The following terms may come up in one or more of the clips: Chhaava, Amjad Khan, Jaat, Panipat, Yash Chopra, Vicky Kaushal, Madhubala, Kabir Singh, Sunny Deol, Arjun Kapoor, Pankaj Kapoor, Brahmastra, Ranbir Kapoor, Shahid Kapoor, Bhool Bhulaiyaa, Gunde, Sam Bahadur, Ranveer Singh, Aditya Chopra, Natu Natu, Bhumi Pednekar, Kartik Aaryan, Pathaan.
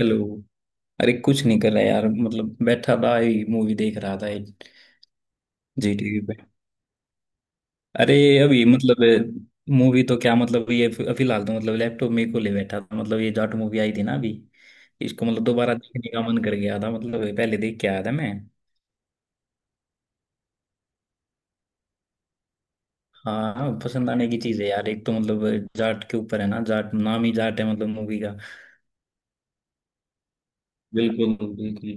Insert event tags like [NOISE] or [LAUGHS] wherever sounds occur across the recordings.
Hello. अरे कुछ नहीं कर रहा यार, मतलब बैठा था, मूवी देख रहा था, जी टीवी पे। अरे अभी मतलब मूवी तो क्या, मतलब ये फिलहाल तो मतलब लैपटॉप में को ले बैठा था, मतलब ये जाट मूवी आई थी ना अभी। इसको मतलब दोबारा देखने का मन कर गया था, मतलब पहले देख के आया था मैं। हाँ, पसंद आने की चीज है यार, एक तो मतलब जाट के ऊपर है ना, जाट नाम ही जाट है मतलब मूवी का। बिल्कुल बिल्कुल।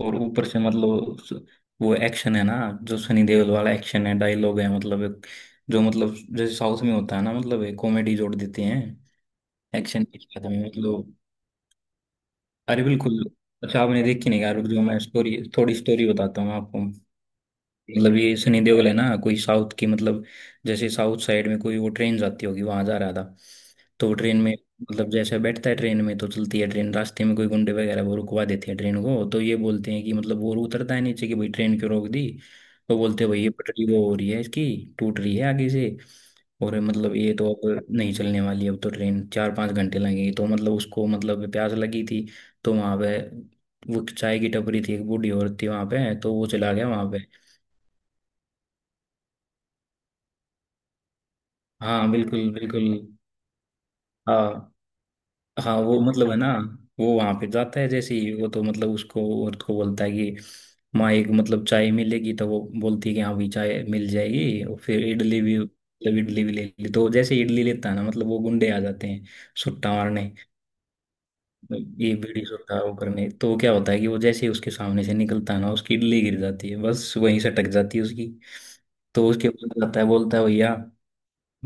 और ऊपर से मतलब वो एक्शन है ना, जो सनी देओल वाला एक्शन है, डायलॉग है मतलब जो मतलब जैसे साउथ में होता है ना, मतलब एक कॉमेडी जोड़ देते हैं एक्शन के साथ में मतलब। अरे बिल्कुल। अच्छा, आपने देखी नहीं यार? जो मैं स्टोरी, थोड़ी स्टोरी बताता हूँ आपको। मतलब ये सनी देओल है ना, कोई साउथ की मतलब, जैसे साउथ साइड में कोई वो ट्रेन जाती होगी वहां जा रहा था। तो वो ट्रेन में मतलब जैसे बैठता है ट्रेन में, तो चलती है ट्रेन, रास्ते में कोई गुंडे वगैरह वो रुकवा देते हैं ट्रेन को, तो ये बोलते हैं कि मतलब वो उतरता है नीचे कि भाई ट्रेन क्यों रोक दी। तो बोलते हैं भाई ये पटरी वो हो रही है इसकी, टूट रही है आगे से, और मतलब ये तो अब नहीं चलने वाली, अब तो ट्रेन 4-5 घंटे लगेंगे, तो मतलब उसको मतलब प्यास लगी थी। तो वहां पे वो चाय की टपरी थी, एक बूढ़ी औरत थी वहां पे, तो वो चला गया वहां पे। हाँ बिल्कुल बिल्कुल। हाँ। हाँ वो मतलब है ना, वो वहां पे जाता है जैसे ही, वो तो मतलब उसको, औरत को बोलता है कि माँ एक मतलब चाय मिलेगी, तो वो बोलती है कि हाँ भी चाय मिल जाएगी और फिर इडली भी, मतलब इडली भी ले ली, तो जैसे ही इडली लेता है ना, मतलब वो गुंडे आ जाते हैं सुट्टा मारने। ये बीड़ी सुट्टा वो करने, तो क्या होता है कि वो जैसे ही उसके सामने से निकलता है ना, उसकी इडली गिर जाती है, बस वहीं से टक जाती है उसकी। तो उसके ऊपर जाता है, बोलता है भैया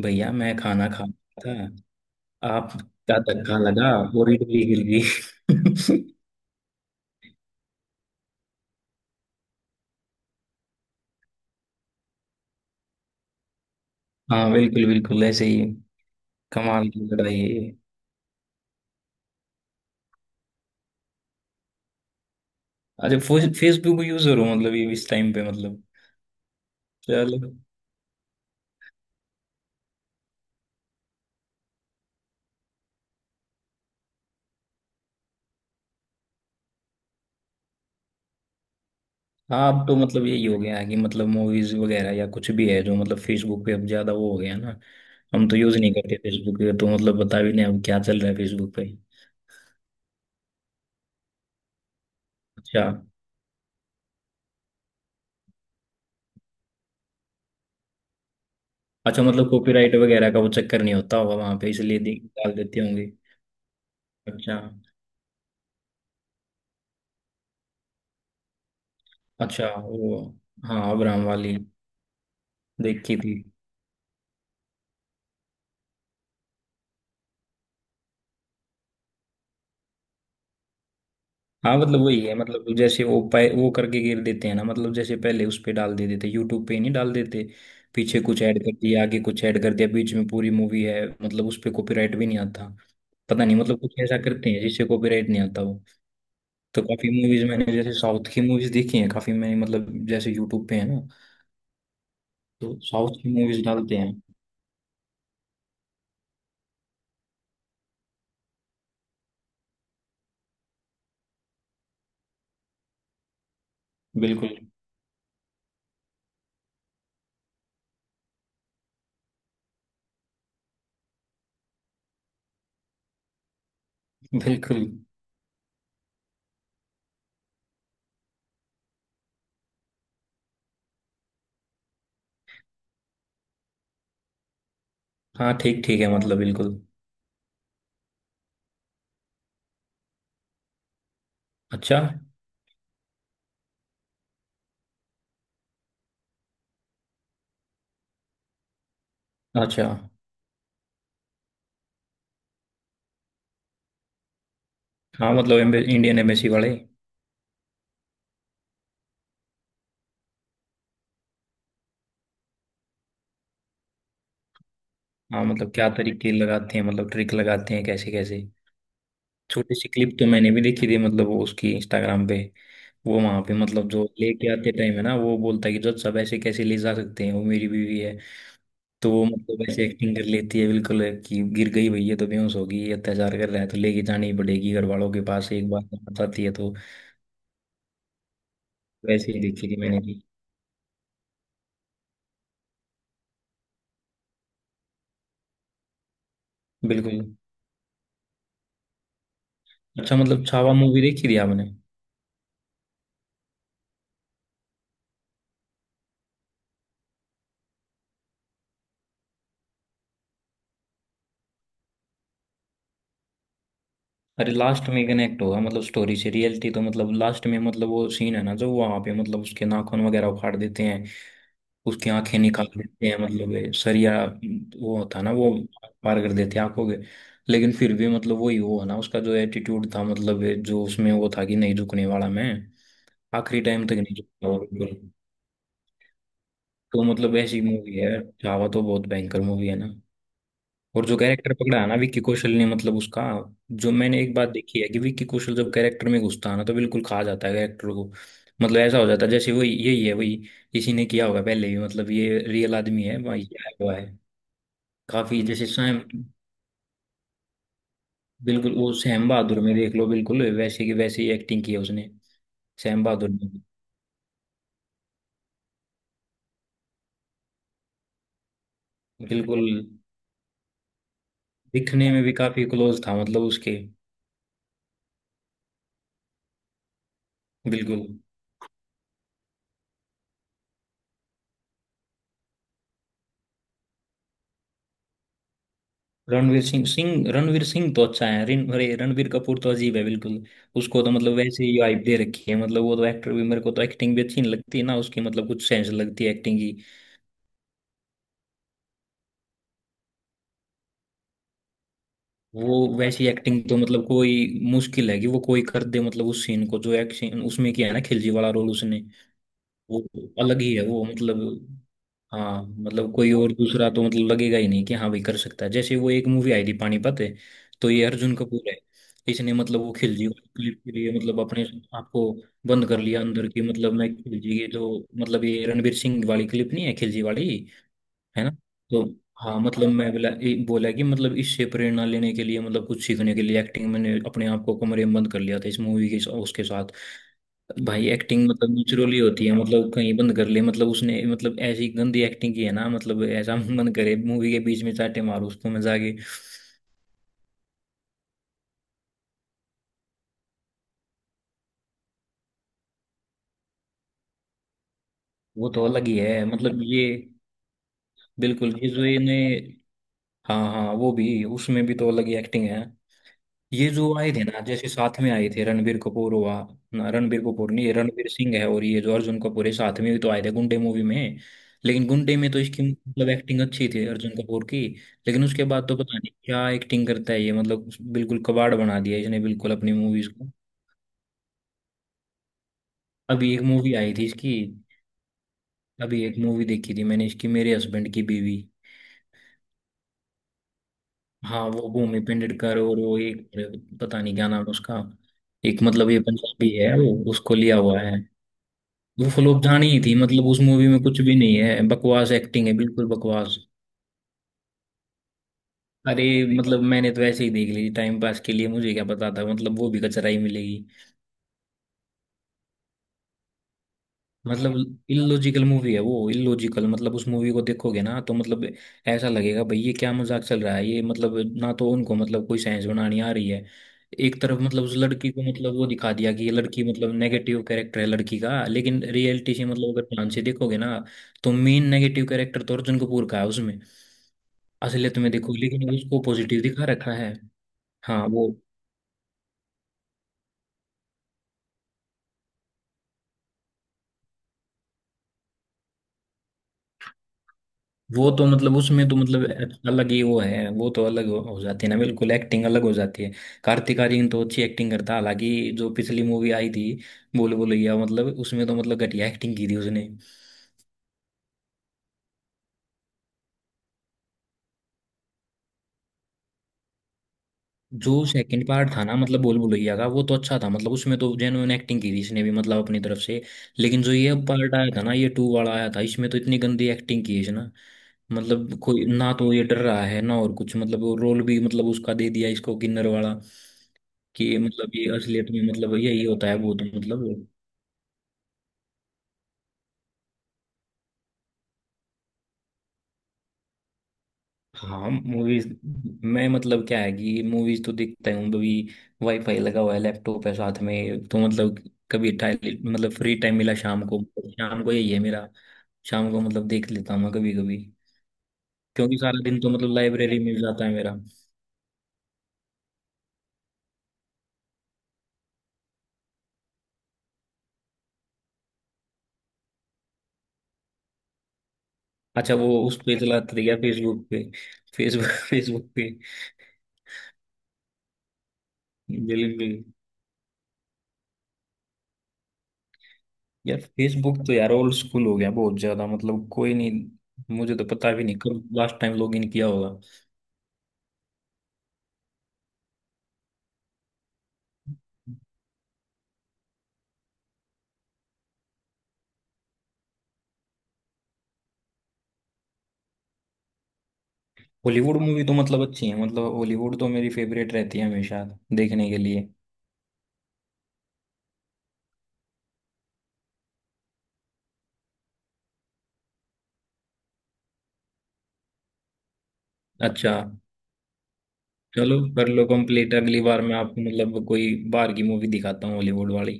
भैया मैं खाना खा रहा था आप, क्या धक्का लगा, पूरी दिल्ली हिल गई। [LAUGHS] हाँ बिल्कुल बिल्कुल ऐसे ही है। कमाल की लड़ाई है ये। अच्छा, फेसबुक यूजर हो मतलब ये, इस टाइम पे मतलब। चलो। हाँ अब तो मतलब यही हो गया है कि मतलब मूवीज वगैरह या कुछ भी है, जो मतलब फेसबुक पे अब ज्यादा वो हो गया ना। हम तो यूज नहीं करते फेसबुक, पे तो मतलब बता भी नहीं अब क्या चल रहा है फेसबुक पे। अच्छा, अच्छा मतलब कॉपीराइट वगैरह का वो चक्कर नहीं होता होगा वहां पे, इसलिए डाल देते होंगे। अच्छा अच्छा। वो हाँ अब्राहम वाली देखी थी। हाँ मतलब वही है, मतलब जैसे वो वो करके घेर देते हैं ना, मतलब जैसे पहले उस पे डाल देते थे, यूट्यूब पे ही नहीं डाल देते पीछे कुछ ऐड कर दिया, आगे कुछ ऐड कर दिया, बीच में पूरी मूवी है, मतलब उस पे कॉपीराइट भी नहीं आता। पता नहीं मतलब कुछ ऐसा करते हैं जिससे कॉपीराइट नहीं आता वो। तो काफी मूवीज मैंने, जैसे साउथ की मूवीज देखी हैं काफी मैंने, मतलब जैसे यूट्यूब पे है ना तो साउथ की मूवीज डालते हैं। बिल्कुल बिल्कुल। हाँ ठीक ठीक है मतलब बिल्कुल। अच्छा अच्छा। हाँ मतलब इंडियन एम्बेसी वाले। हाँ मतलब क्या तरीके लगाते हैं, मतलब ट्रिक लगाते हैं कैसे कैसे। छोटी सी क्लिप तो मैंने भी देखी थी, मतलब वो उसकी इंस्टाग्राम पे। वो वहां पे मतलब जो लेके आते टाइम है ना, वो बोलता है कि जज साहब ऐसे कैसे ले जा सकते हैं, वो मेरी बीवी है। तो वो मतलब ऐसे एक्टिंग कर लेती है बिल्कुल, कि गिर गई भैया तो बेहोश होगी, ये अत्याचार कर रहा है, तो लेके जानी ही पड़ेगी घर वालों के पास एक बार, बताती है तो। वैसे ही देखी थी मैंने भी। बिल्कुल। अच्छा मतलब छावा मूवी देखी थी आपने? अरे लास्ट में कनेक्ट होगा मतलब, स्टोरी से रियलिटी तो मतलब, लास्ट में मतलब वो सीन है ना, जो वहां पे मतलब उसके नाखून वगैरह उखाड़ देते हैं, उसकी आंखें निकाल देते हैं, मतलब ये सरिया वो होता ना वो, पार कर देते हैं आंखों के। लेकिन फिर भी मतलब वही वो है ना उसका जो एटीट्यूड था, मतलब ये जो उसमें वो था कि नहीं झुकने वाला मैं। आखिरी टाइम तक नहीं झुकता वो बिल्कुल। तो मतलब ऐसी मूवी है। छावा तो बहुत भयंकर मूवी है ना। और जो कैरेक्टर पकड़ा है ना विक्की कौशल ने मतलब उसका, जो मैंने एक बात देखी है कि विक्की कौशल जब कैरेक्टर में घुसता है ना, तो बिल्कुल खा जाता है कैरेक्टर को। मतलब ऐसा हो जाता है जैसे वही यही है वही, इसी ने किया होगा पहले भी, मतलब ये रियल आदमी है भाई, ये आया हुआ है। काफी जैसे सैम, बिल्कुल वो सैम बहादुर में देख लो, बिल्कुल वैसे की वैसे ही एक्टिंग की है उसने सैम बहादुर में। बिल्कुल। दिखने में भी काफी क्लोज था मतलब उसके। बिल्कुल। रणवीर सिंह सिंह रणवीर सिंह तो अच्छा है, रिन अरे रणवीर कपूर तो अजीब है बिल्कुल। उसको तो मतलब वैसे ही हाइप दे रखी है, मतलब वो तो एक्टर भी, मेरे को तो एक्टिंग भी अच्छी नहीं लगती ना उसकी, मतलब कुछ सेंस लगती है एक्टिंग की। वो वैसी एक्टिंग तो मतलब कोई मुश्किल है कि वो कोई कर दे, मतलब उस सीन को जो एक्शन उसमें किया है ना, खिलजी वाला रोल उसने। वो अलग ही है वो मतलब। हाँ मतलब कोई और दूसरा तो मतलब लगेगा ही नहीं कि हाँ भाई कर सकता है, जैसे वो एक मूवी आई थी पानीपत है, तो ये अर्जुन कपूर है। इसने मतलब वो खिलजी वाली क्लिप के लिए मतलब अपने आपको बंद कर लिया अंदर की, मतलब मैं खिलजी, ये जो मतलब ये रणवीर सिंह वाली क्लिप नहीं है खिलजी वाली, है ना। तो हाँ मतलब मैं बोला ये बोला, कि मतलब इससे प्रेरणा लेने के लिए मतलब कुछ सीखने के लिए एक्टिंग, मैंने अपने आप को कमरे में बंद कर लिया था इस मूवी के उसके साथ। भाई एक्टिंग मतलब नेचुरली होती है, मतलब कहीं बंद कर ले मतलब उसने, मतलब ऐसी गंदी एक्टिंग की है ना, मतलब ऐसा [LAUGHS] मन करे मूवी के बीच में चाटे मारो उसको मैं जाके। वो तो अलग ही है मतलब ये। बिल्कुल ये जो इन्हें। हाँ हाँ वो भी उसमें भी तो अलग ही एक्टिंग है। ये जो आए थे ना, जैसे साथ में आए थे रणबीर कपूर हुआ, ना रणबीर कपूर नहीं, ये रणबीर सिंह है, और ये जो अर्जुन कपूर है, साथ में भी तो आए थे गुंडे मूवी में। लेकिन गुंडे में तो इसकी मतलब एक्टिंग अच्छी थी अर्जुन कपूर की। लेकिन उसके बाद तो पता नहीं क्या एक्टिंग करता है ये, मतलब बिल्कुल कबाड़ बना दिया इसने बिल्कुल अपनी मूवीज को। अभी एक मूवी आई थी इसकी, अभी एक मूवी देखी थी मैंने इसकी, मेरे हस्बैंड की बीवी। हाँ वो भूमि पेंडेटकर और वो एक, पता नहीं क्या नाम है उसका, एक मतलब ये पंजाबी है वो उसको लिया हुआ है। वो फ्लॉप जानी ही थी, मतलब उस मूवी में कुछ भी नहीं है, बकवास एक्टिंग है बिल्कुल बकवास। अरे मतलब मैंने तो ऐसे ही देख ली टाइम पास के लिए, मुझे क्या पता था मतलब वो भी कचरा ही मिलेगी। मतलब इलॉजिकल मूवी है वो, इलॉजिकल मतलब उस मूवी को देखोगे ना तो मतलब, ऐसा लगेगा भाई ये क्या मजाक चल रहा है ये मतलब, ना तो उनको मतलब कोई साइंस बनानी आ रही है। एक तरफ मतलब उस लड़की को मतलब वो दिखा दिया कि ये लड़की मतलब नेगेटिव कैरेक्टर है लड़की का, लेकिन रियलिटी से मतलब अगर ध्यान से देखोगे ना, तो मेन नेगेटिव कैरेक्टर तो अर्जुन कपूर का है उसमें असलियत में देखो, लेकिन उसको पॉजिटिव दिखा रखा है। हाँ वो। वो तो मतलब उसमें तो मतलब अलग ही वो है, वो तो अलग हो जाती है ना बिल्कुल, एक्टिंग अलग हो जाती है। कार्तिक आर्यन तो अच्छी एक्टिंग करता है, हालांकि जो पिछली मूवी आई थी बोल बुलैया, मतलब उसमें तो मतलब घटिया एक्टिंग की थी उसने। जो सेकंड पार्ट था ना मतलब बोल बुलैया का, वो तो अच्छा था, मतलब उसमें तो जेन्युइन एक्टिंग की थी इसने भी मतलब अपनी तरफ से। लेकिन जो ये पार्ट आया था ना ये टू वाला आया था, इसमें तो इतनी गंदी एक्टिंग की है इसने, मतलब कोई, ना तो ये डर रहा है ना, और कुछ मतलब वो रोल भी मतलब उसका दे दिया इसको किन्नर वाला, कि मतलब ये असलियत में मतलब यही होता है भूत मतलब। हाँ मूवीज, मैं मतलब क्या है कि मूवीज तो देखता हूँ कभी, वाईफाई लगा हुआ है, लैपटॉप है साथ में, तो मतलब कभी टाइम, मतलब फ्री टाइम मिला शाम को, शाम को यही है मेरा, शाम को मतलब देख लेता हूँ मैं कभी कभी। क्योंकि सारा दिन तो मतलब लाइब्रेरी में जाता है मेरा। अच्छा वो उस पे चलाते रह गया फेसबुक पे। फेसबुक [LAUGHS] फेसबुक पे। बिल्कुल। यार फेसबुक तो यार ओल्ड स्कूल हो गया बहुत ज्यादा, मतलब कोई नहीं, मुझे तो पता भी नहीं कब लास्ट टाइम लॉग इन किया होगा। हॉलीवुड मूवी तो मतलब अच्छी है, मतलब हॉलीवुड तो मेरी फेवरेट रहती है हमेशा। देखने के लिए। अच्छा चलो कर लो कंप्लीट, अगली बार मैं आपको मतलब कोई बाहर की मूवी दिखाता हूँ हॉलीवुड वाली।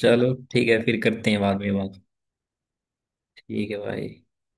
चलो ठीक है फिर करते हैं बाद में बात। ठीक है भाई।